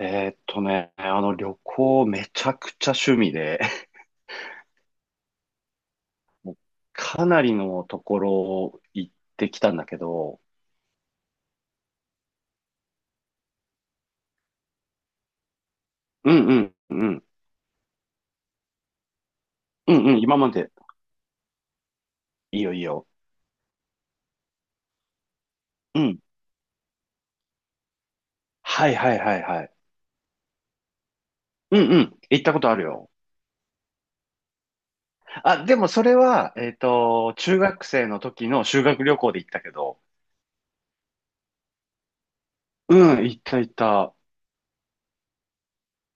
旅行めちゃくちゃ趣味で、もうかなりのところを行ってきたんだけど、うんうんうん、うんうん、今まで、いいよいいよ。うん。はいはいはいはい。うんうん、行ったことあるよ。あ、でもそれは、中学生の時の修学旅行で行ったけど、うん、行った行った。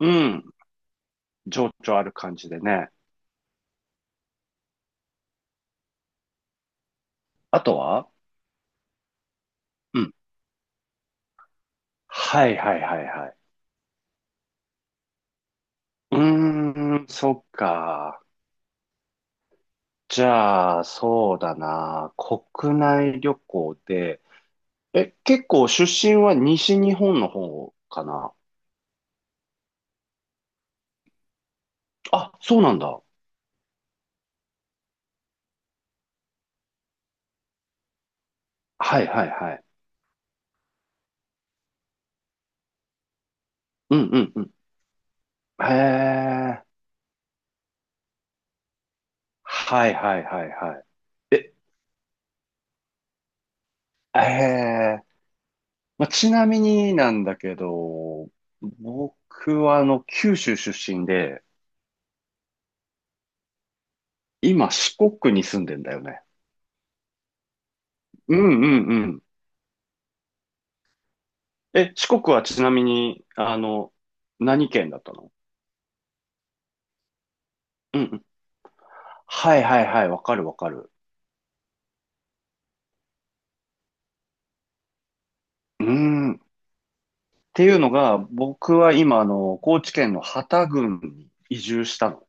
うん、情緒ある感じでね。あとはうん。はいはいはいはい。うーん、そっか。じゃあ、そうだな。国内旅行で、え、結構出身は西日本の方かな？あ、そうなんだ。はいはいはい。うんうんうん。へえ。はいはいはいはい。え、えへえ。まあ、ちなみになんだけど、僕は九州出身で、今四国に住んでんだよね。うんうんうん。え、四国はちなみに、何県だったの？うんはいはいはい、わかるわかる。うーん。っていうのが、僕は今、高知県の幡多郡に移住したの。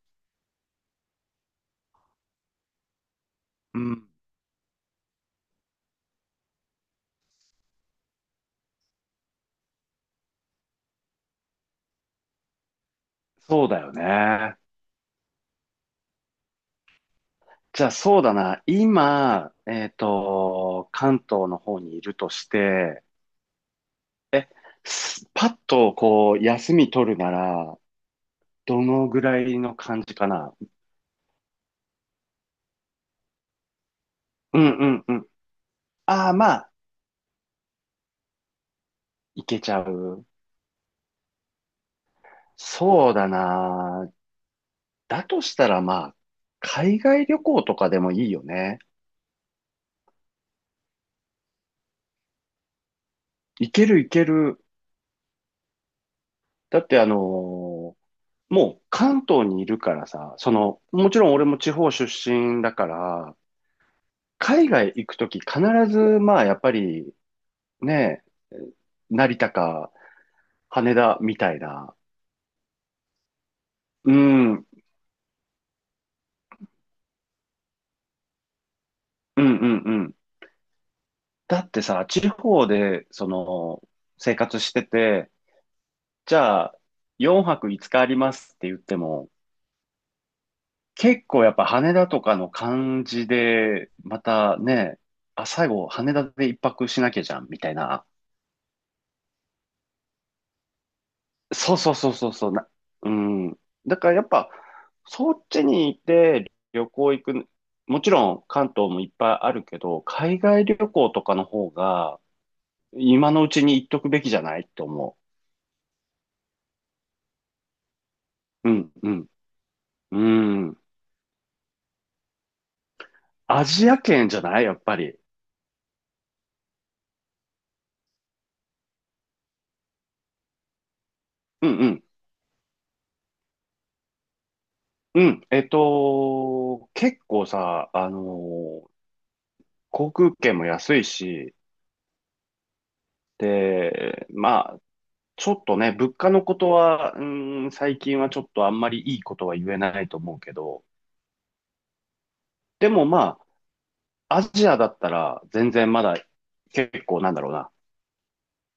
うん。そうだよね。じゃあそうだな。今、関東の方にいるとして、すパッとこう、休み取るなら、どのぐらいの感じかな？うんうんうん。ああ、まあ、いけちゃう。そうだな。だとしたらまあ、海外旅行とかでもいいよね。いけるいける。だってもう関東にいるからさ、その、もちろん俺も地方出身だから、海外行くとき必ず、まあやっぱりね、成田か羽田みたいな。うん、うんうんうん。だってさ、地方で、その、生活してて、じゃあ、4泊5日ありますって言っても、結構やっぱ羽田とかの感じで、またね、あ、最後羽田で一泊しなきゃじゃん、みたいな。そうそうそうそうそう、な、うん。だからやっぱ、そっちにいて旅行行く、もちろん関東もいっぱいあるけど、海外旅行とかの方が、今のうちに行っとくべきじゃないって思う。うん、うん、うん。アジア圏じゃないやっぱり。うん、うん、うん。結構さ、航空券も安いし、で、まあ、ちょっとね、物価のことは、最近はちょっとあんまりいいことは言えないと思うけど、でもまあ、アジアだったら全然まだ結構なんだろうな、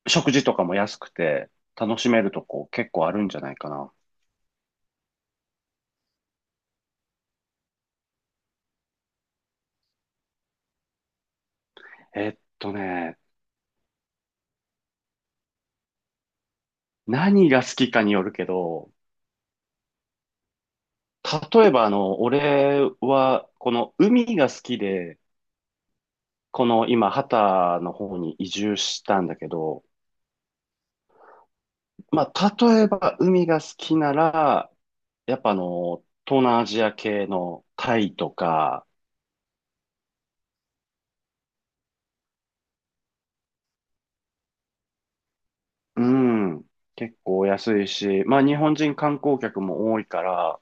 食事とかも安くて楽しめるとこ結構あるんじゃないかな。えっとね、何が好きかによるけど、例えば俺はこの海が好きで、この今、ハタの方に移住したんだけど、まあ、例えば海が好きなら、やっぱ東南アジア系のタイとか、うん、結構安いし、まあ日本人観光客も多いから、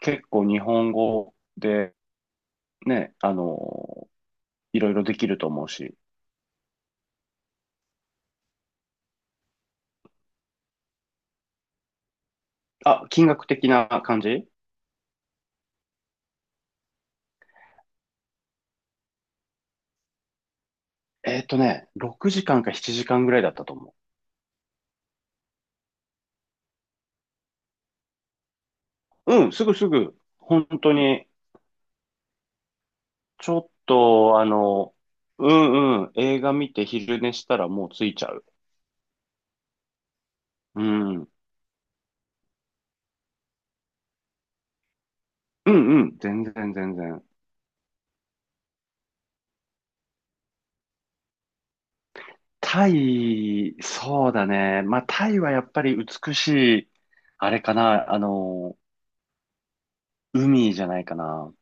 結構日本語でね、いろいろできると思うし。あ、金額的な感じ？6時間か7時間ぐらいだったと思う。うん、すぐすぐ、本当に、ちょっと、うんうん、映画見て昼寝したらもう着いちゃう。うん。うんうん。全然全然。タイ、そうだね。まあ、タイはやっぱり美しい、あれかな、海じゃないかな。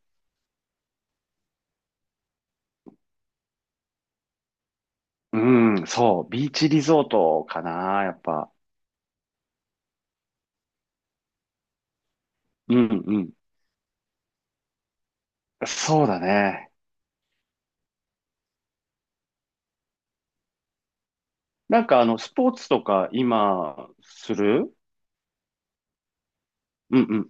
うん、そう。ビーチリゾートかな、やっぱ。うんうん。そうだね。なんかスポーツとか今、する？うん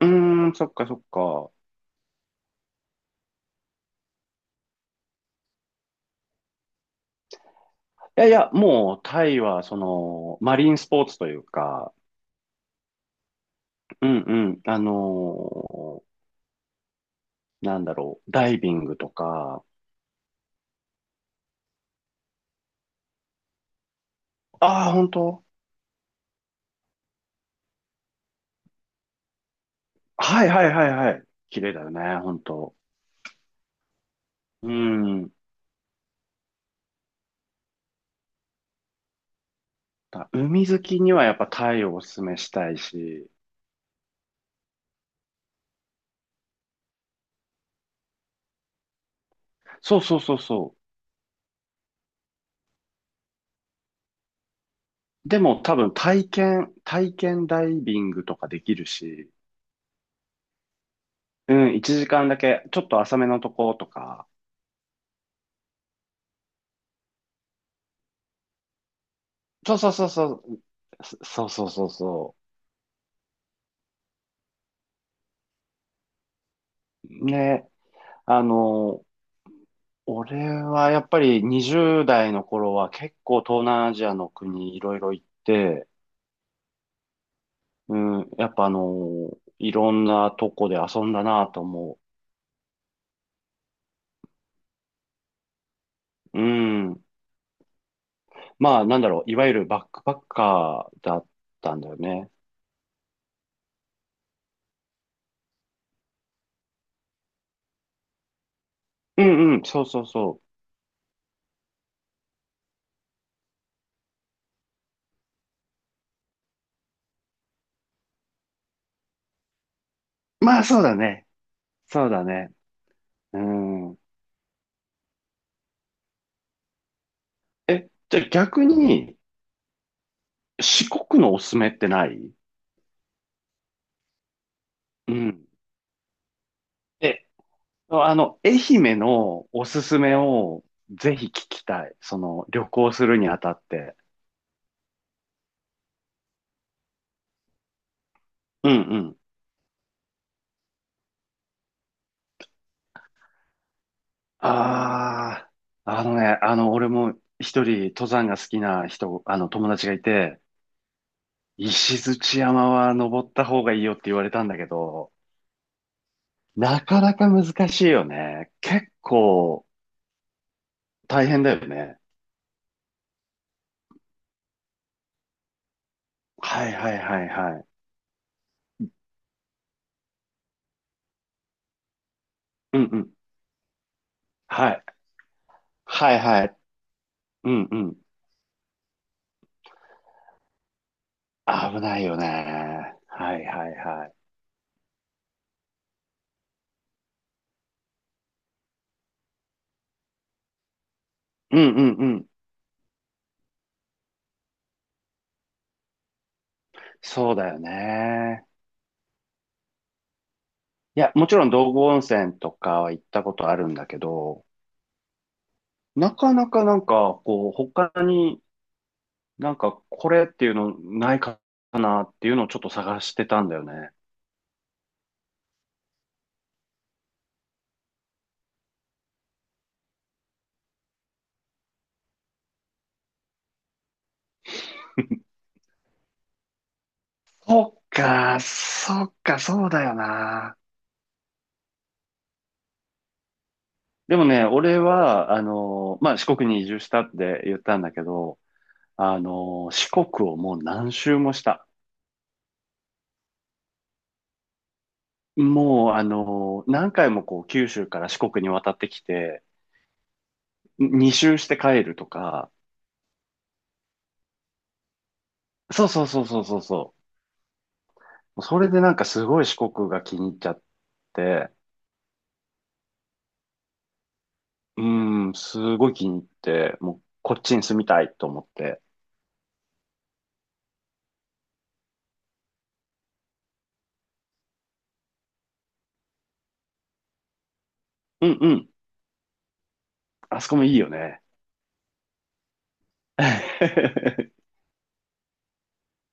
うん。うーん、そっかそっか。いやいや、もうタイはその、マリンスポーツというか、うんうん、なんだろう、ダイビングとか、ああ、本当。はいはいはいはい。綺麗だよね、本当。うん。だ海好きにはやっぱタイをおすすめしたいし。そうそうそうそう。でも多分体験、体験ダイビングとかできるし。うん、1時間だけ、ちょっと浅めのとことか。そうそうそうそう。そそうそうそうそう。ね、あの、俺はやっぱり20代の頃は結構東南アジアの国いろいろ行って、うん、やっぱいろんなとこで遊んだなと思う。うん。まあ、なんだろう、いわゆるバックパッカーだったんだよね。うんうん、そうそうそう。まあ、そうだね。そうだね。うん。え、じゃあ逆に、四国のおすすめってない？うん。え、愛媛のおすすめをぜひ聞きたい。その、旅行するにあたって。うんうん、ああ、あのね、俺も一人登山が好きな人、友達がいて、石鎚山は登った方がいいよって言われたんだけど、なかなか難しいよね。結構大変だよね。はいはいはいはい。うんうん。はい。はいはい。うんうん。危ないよね。はいはいはい。うんうんうん。そうだよね。いや、もちろん道後温泉とかは行ったことあるんだけど、なかなかなんか、こう、他になんかこれっていうのないかなっていうのをちょっと探してたんだよね。そっか、そっか、そうだよな。でもね、俺は、まあ、四国に移住したって言ったんだけど、四国をもう何周もした。もう、何回もこう、九州から四国に渡ってきて、2周して帰るとか、そうそうそうそうそうそう。それでなんかすごい四国が気に入っちゃって、うーん、すごい気に入って、もうこっちに住みたいと思って。うんうん、あそこもいいよね。